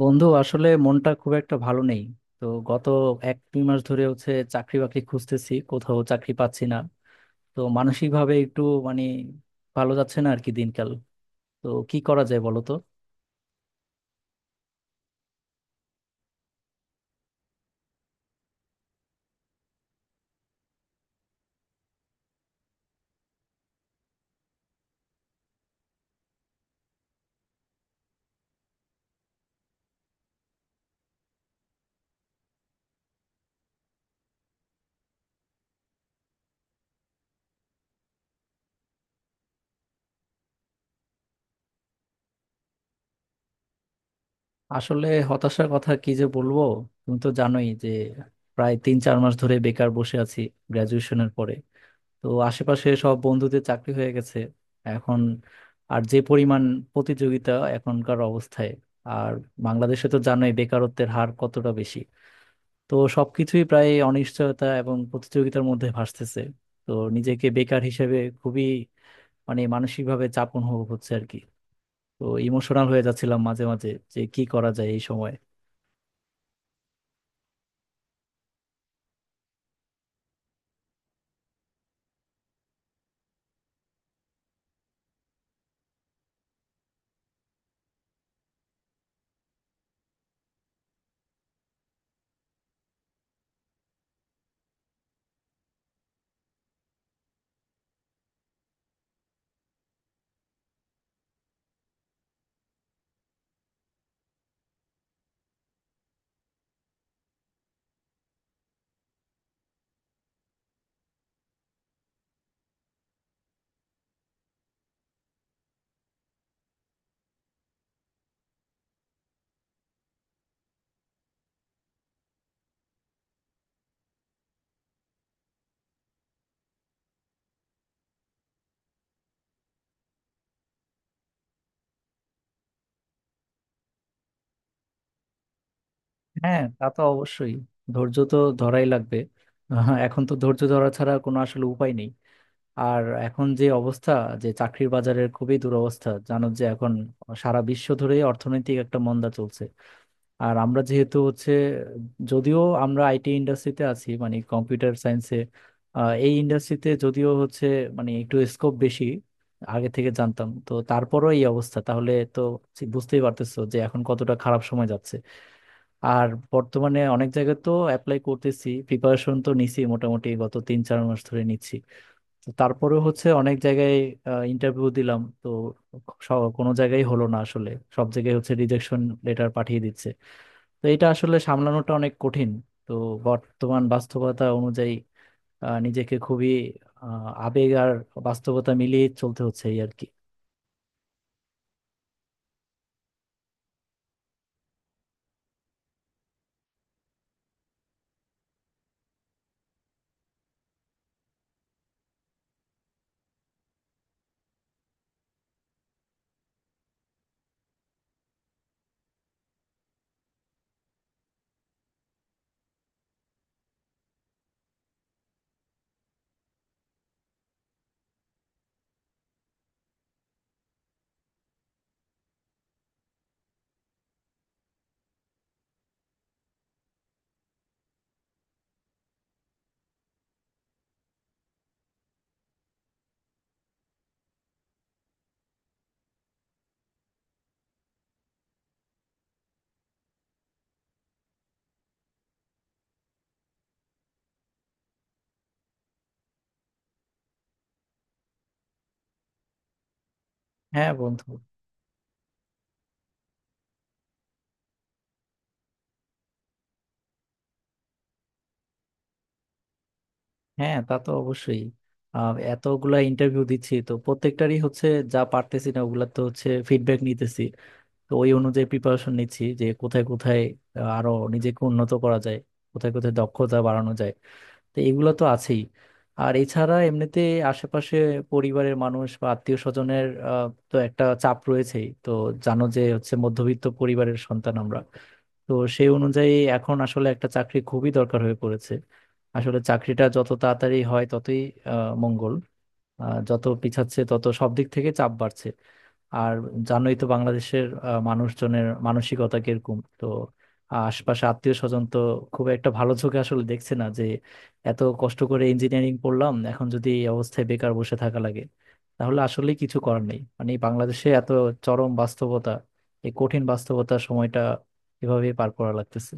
বন্ধু আসলে মনটা খুব একটা ভালো নেই। তো গত এক দুই মাস ধরে হচ্ছে চাকরি বাকরি খুঁজতেছি, কোথাও চাকরি পাচ্ছি না। তো মানসিক ভাবে একটু মানে ভালো যাচ্ছে না আর কি দিনকাল। তো কি করা যায় বলো তো? আসলে হতাশার কথা কি যে বলবো। তুমি তো জানোই যে প্রায় তিন চার মাস ধরে বেকার বসে আছি গ্রাজুয়েশনের পরে। তো আশেপাশে সব বন্ধুদের চাকরি হয়ে গেছে এখন। আর যে পরিমাণ প্রতিযোগিতা এখনকার অবস্থায়, আর বাংলাদেশে তো জানোই বেকারত্বের হার কতটা বেশি। তো সবকিছুই প্রায় অনিশ্চয়তা এবং প্রতিযোগিতার মধ্যে ভাসতেছে। তো নিজেকে বেকার হিসেবে খুবই মানে মানসিকভাবে চাপ অনুভব হচ্ছে আর কি। তো ইমোশনাল হয়ে যাচ্ছিলাম মাঝে মাঝে, যে কি করা যায় এই সময়। হ্যাঁ, তা তো অবশ্যই, ধৈর্য তো ধরাই লাগবে। হ্যাঁ, এখন তো ধৈর্য ধরা ছাড়া কোনো আসলে উপায় নেই। আর এখন যে অবস্থা, যে চাকরির বাজারের খুবই দুরবস্থা, জানো যে এখন সারা বিশ্ব ধরেই অর্থনৈতিক একটা মন্দা চলছে। আর আমরা যেহেতু হচ্ছে, যদিও আমরা আইটি ইন্ডাস্ট্রিতে আছি মানে কম্পিউটার সায়েন্সে, এই ইন্ডাস্ট্রিতে যদিও হচ্ছে মানে একটু স্কোপ বেশি আগে থেকে জানতাম, তো তারপরও এই অবস্থা, তাহলে তো বুঝতেই পারতেছো যে এখন কতটা খারাপ সময় যাচ্ছে। আর বর্তমানে অনেক জায়গায় তো অ্যাপ্লাই করতেছি, প্রিপারেশন তো নিছি মোটামুটি গত তিন চার মাস ধরে নিচ্ছি। তো তারপরেও হচ্ছে অনেক জায়গায় ইন্টারভিউ দিলাম তো কোনো জায়গায় হলো না আসলে। সব জায়গায় হচ্ছে রিজেকশন লেটার পাঠিয়ে দিচ্ছে। তো এটা আসলে সামলানোটা অনেক কঠিন। তো বর্তমান বাস্তবতা অনুযায়ী নিজেকে খুবই আবেগ আর বাস্তবতা মিলিয়ে চলতে হচ্ছে এই আর কি। হ্যাঁ বন্ধু। হ্যাঁ, তা তো অবশ্যই। এতগুলা ইন্টারভিউ দিচ্ছি তো প্রত্যেকটারই হচ্ছে, যা পারতেছি না ওগুলা তো হচ্ছে ফিডব্যাক নিতেছি। তো ওই অনুযায়ী প্রিপারেশন নিচ্ছি যে কোথায় কোথায় আরো নিজেকে উন্নত করা যায়, কোথায় কোথায় দক্ষতা বাড়ানো যায়। তো এগুলো তো আছেই। আর এছাড়া এমনিতে আশেপাশে পরিবারের মানুষ বা আত্মীয় স্বজনের তো একটা চাপ রয়েছেই তো। জানো যে হচ্ছে মধ্যবিত্ত পরিবারের সন্তান আমরা, তো সেই অনুযায়ী এখন আসলে একটা চাকরি খুবই দরকার হয়ে পড়েছে। আসলে চাকরিটা যত তাড়াতাড়ি হয় ততই মঙ্গল। যত পিছাচ্ছে তত সব দিক থেকে চাপ বাড়ছে। আর জানোই তো বাংলাদেশের মানুষজনের মানসিকতা কিরকম তো। আশপাশে আত্মীয় স্বজন তো খুব একটা ভালো চোখে আসলে দেখছে না, যে এত কষ্ট করে ইঞ্জিনিয়ারিং পড়লাম এখন যদি এই অবস্থায় বেকার বসে থাকা লাগে তাহলে আসলে কিছু করার নেই মানে, এই বাংলাদেশে এত চরম বাস্তবতা, এই কঠিন বাস্তবতার সময়টা এভাবেই পার করা লাগতেছে।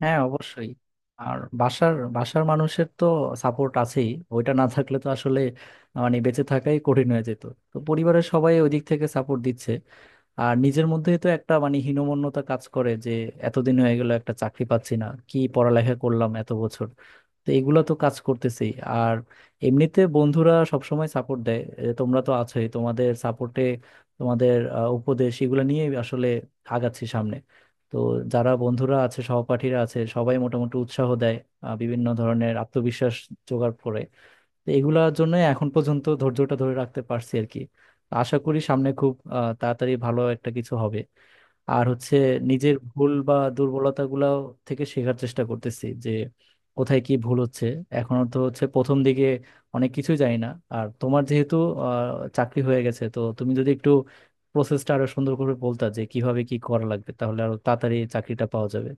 হ্যাঁ, অবশ্যই। আর বাসার বাসার মানুষের তো সাপোর্ট আছেই। ওইটা না থাকলে তো আসলে মানে বেঁচে থাকাই কঠিন হয়ে যেত। তো পরিবারের সবাই ওই দিক থেকে সাপোর্ট দিচ্ছে। আর নিজের মধ্যে তো একটা মানে হীনমন্যতা কাজ করে, যে এতদিন হয়ে গেল একটা চাকরি পাচ্ছি না, কি পড়ালেখা করলাম এত বছর। তো এগুলা তো কাজ করতেছি। আর এমনিতে বন্ধুরা সবসময় সাপোর্ট দেয়। তোমরা তো আছোই, তোমাদের সাপোর্টে, তোমাদের উপদেশ এগুলো নিয়ে আসলে আগাচ্ছি সামনে। তো যারা বন্ধুরা আছে সহপাঠীরা আছে সবাই মোটামুটি উৎসাহ দেয়, বিভিন্ন ধরনের আত্মবিশ্বাস জোগাড় করে। তো এগুলার জন্য এখন পর্যন্ত ধৈর্যটা ধরে রাখতে পারছি আর কি। আশা করি সামনে খুব তাড়াতাড়ি ভালো একটা কিছু হবে। আর হচ্ছে নিজের ভুল বা দুর্বলতা গুলা থেকে শেখার চেষ্টা করতেছি, যে কোথায় কি ভুল হচ্ছে। এখনো তো হচ্ছে প্রথম দিকে অনেক কিছুই জানি না। আর তোমার যেহেতু চাকরি হয়ে গেছে তো তুমি যদি একটু প্রসেসটা আরো সুন্দর করে বলতা যে কিভাবে কি করা লাগবে তাহলে আরো তাড়াতাড়ি চাকরিটা পাওয়া যাবে।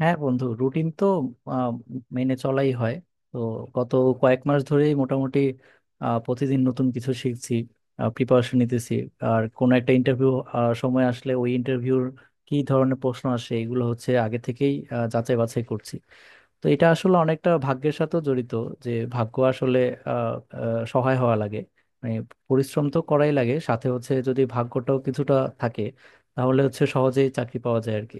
হ্যাঁ বন্ধু, রুটিন তো আহ, মেনে চলাই হয়। তো গত কয়েক মাস ধরেই মোটামুটি প্রতিদিন নতুন কিছু শিখছি, প্রিপারেশন নিতেছি। আর কোনো একটা ইন্টারভিউ সময় আসলে ওই ইন্টারভিউর কি ধরনের প্রশ্ন আসে এগুলো হচ্ছে আগে থেকেই যাচাই বাছাই করছি। তো এটা আসলে অনেকটা ভাগ্যের সাথেও জড়িত, যে ভাগ্য আসলে আহ, আহ, সহায় হওয়া লাগে। মানে পরিশ্রম তো করাই লাগে, সাথে হচ্ছে যদি ভাগ্যটাও কিছুটা থাকে, তাহলে হচ্ছে সহজেই চাকরি পাওয়া যায় আর কি।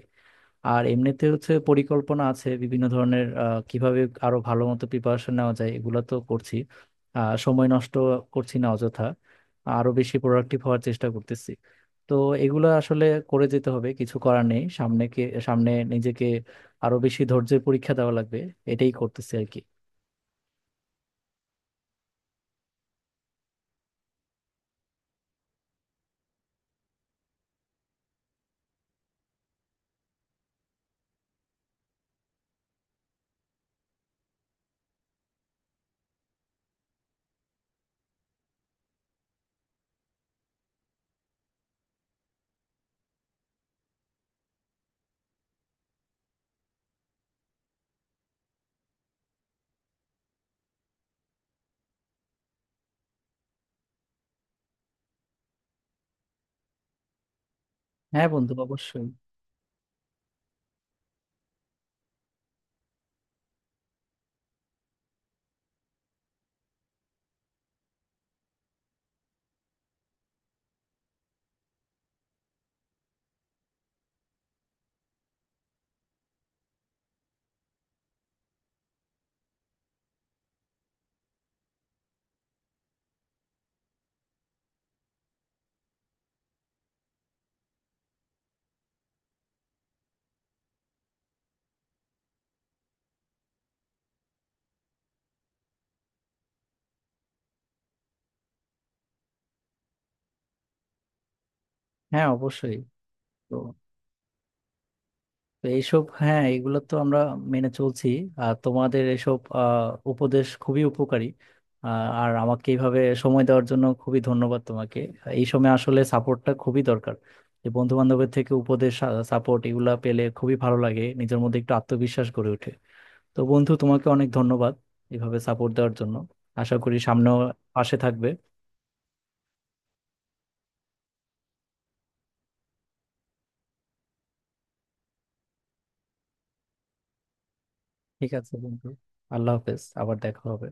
আর এমনিতে হচ্ছে পরিকল্পনা আছে বিভিন্ন ধরনের, কিভাবে আরো ভালো মতো প্রিপারেশন নেওয়া যায় এগুলো তো করছি। সময় নষ্ট করছি না অযথা, আরো বেশি প্রোডাক্টিভ হওয়ার চেষ্টা করতেছি। তো এগুলো আসলে করে যেতে হবে, কিছু করার নেই। সামনে কে, সামনে নিজেকে আরো বেশি ধৈর্যের পরীক্ষা দেওয়া লাগবে, এটাই করতেছি আর কি। হ্যাঁ বন্ধু অবশ্যই। হ্যাঁ অবশ্যই। তো তো এইসব, হ্যাঁ, এগুলো তো আমরা মেনে চলছি। আর তোমাদের এসব উপদেশ খুবই উপকারী। আহ, আর আমাকে এইভাবে সময় দেওয়ার জন্য খুবই ধন্যবাদ তোমাকে। এই সময় আসলে সাপোর্টটা খুবই দরকার, যে বন্ধু বান্ধবের থেকে উপদেশ সাপোর্ট এগুলা পেলে খুবই ভালো লাগে, নিজের মধ্যে একটু আত্মবিশ্বাস গড়ে ওঠে। তো বন্ধু তোমাকে অনেক ধন্যবাদ এভাবে সাপোর্ট দেওয়ার জন্য। আশা করি সামনেও পাশে থাকবে। ঠিক আছে বন্ধু, আল্লাহ হাফেজ, আবার দেখা হবে।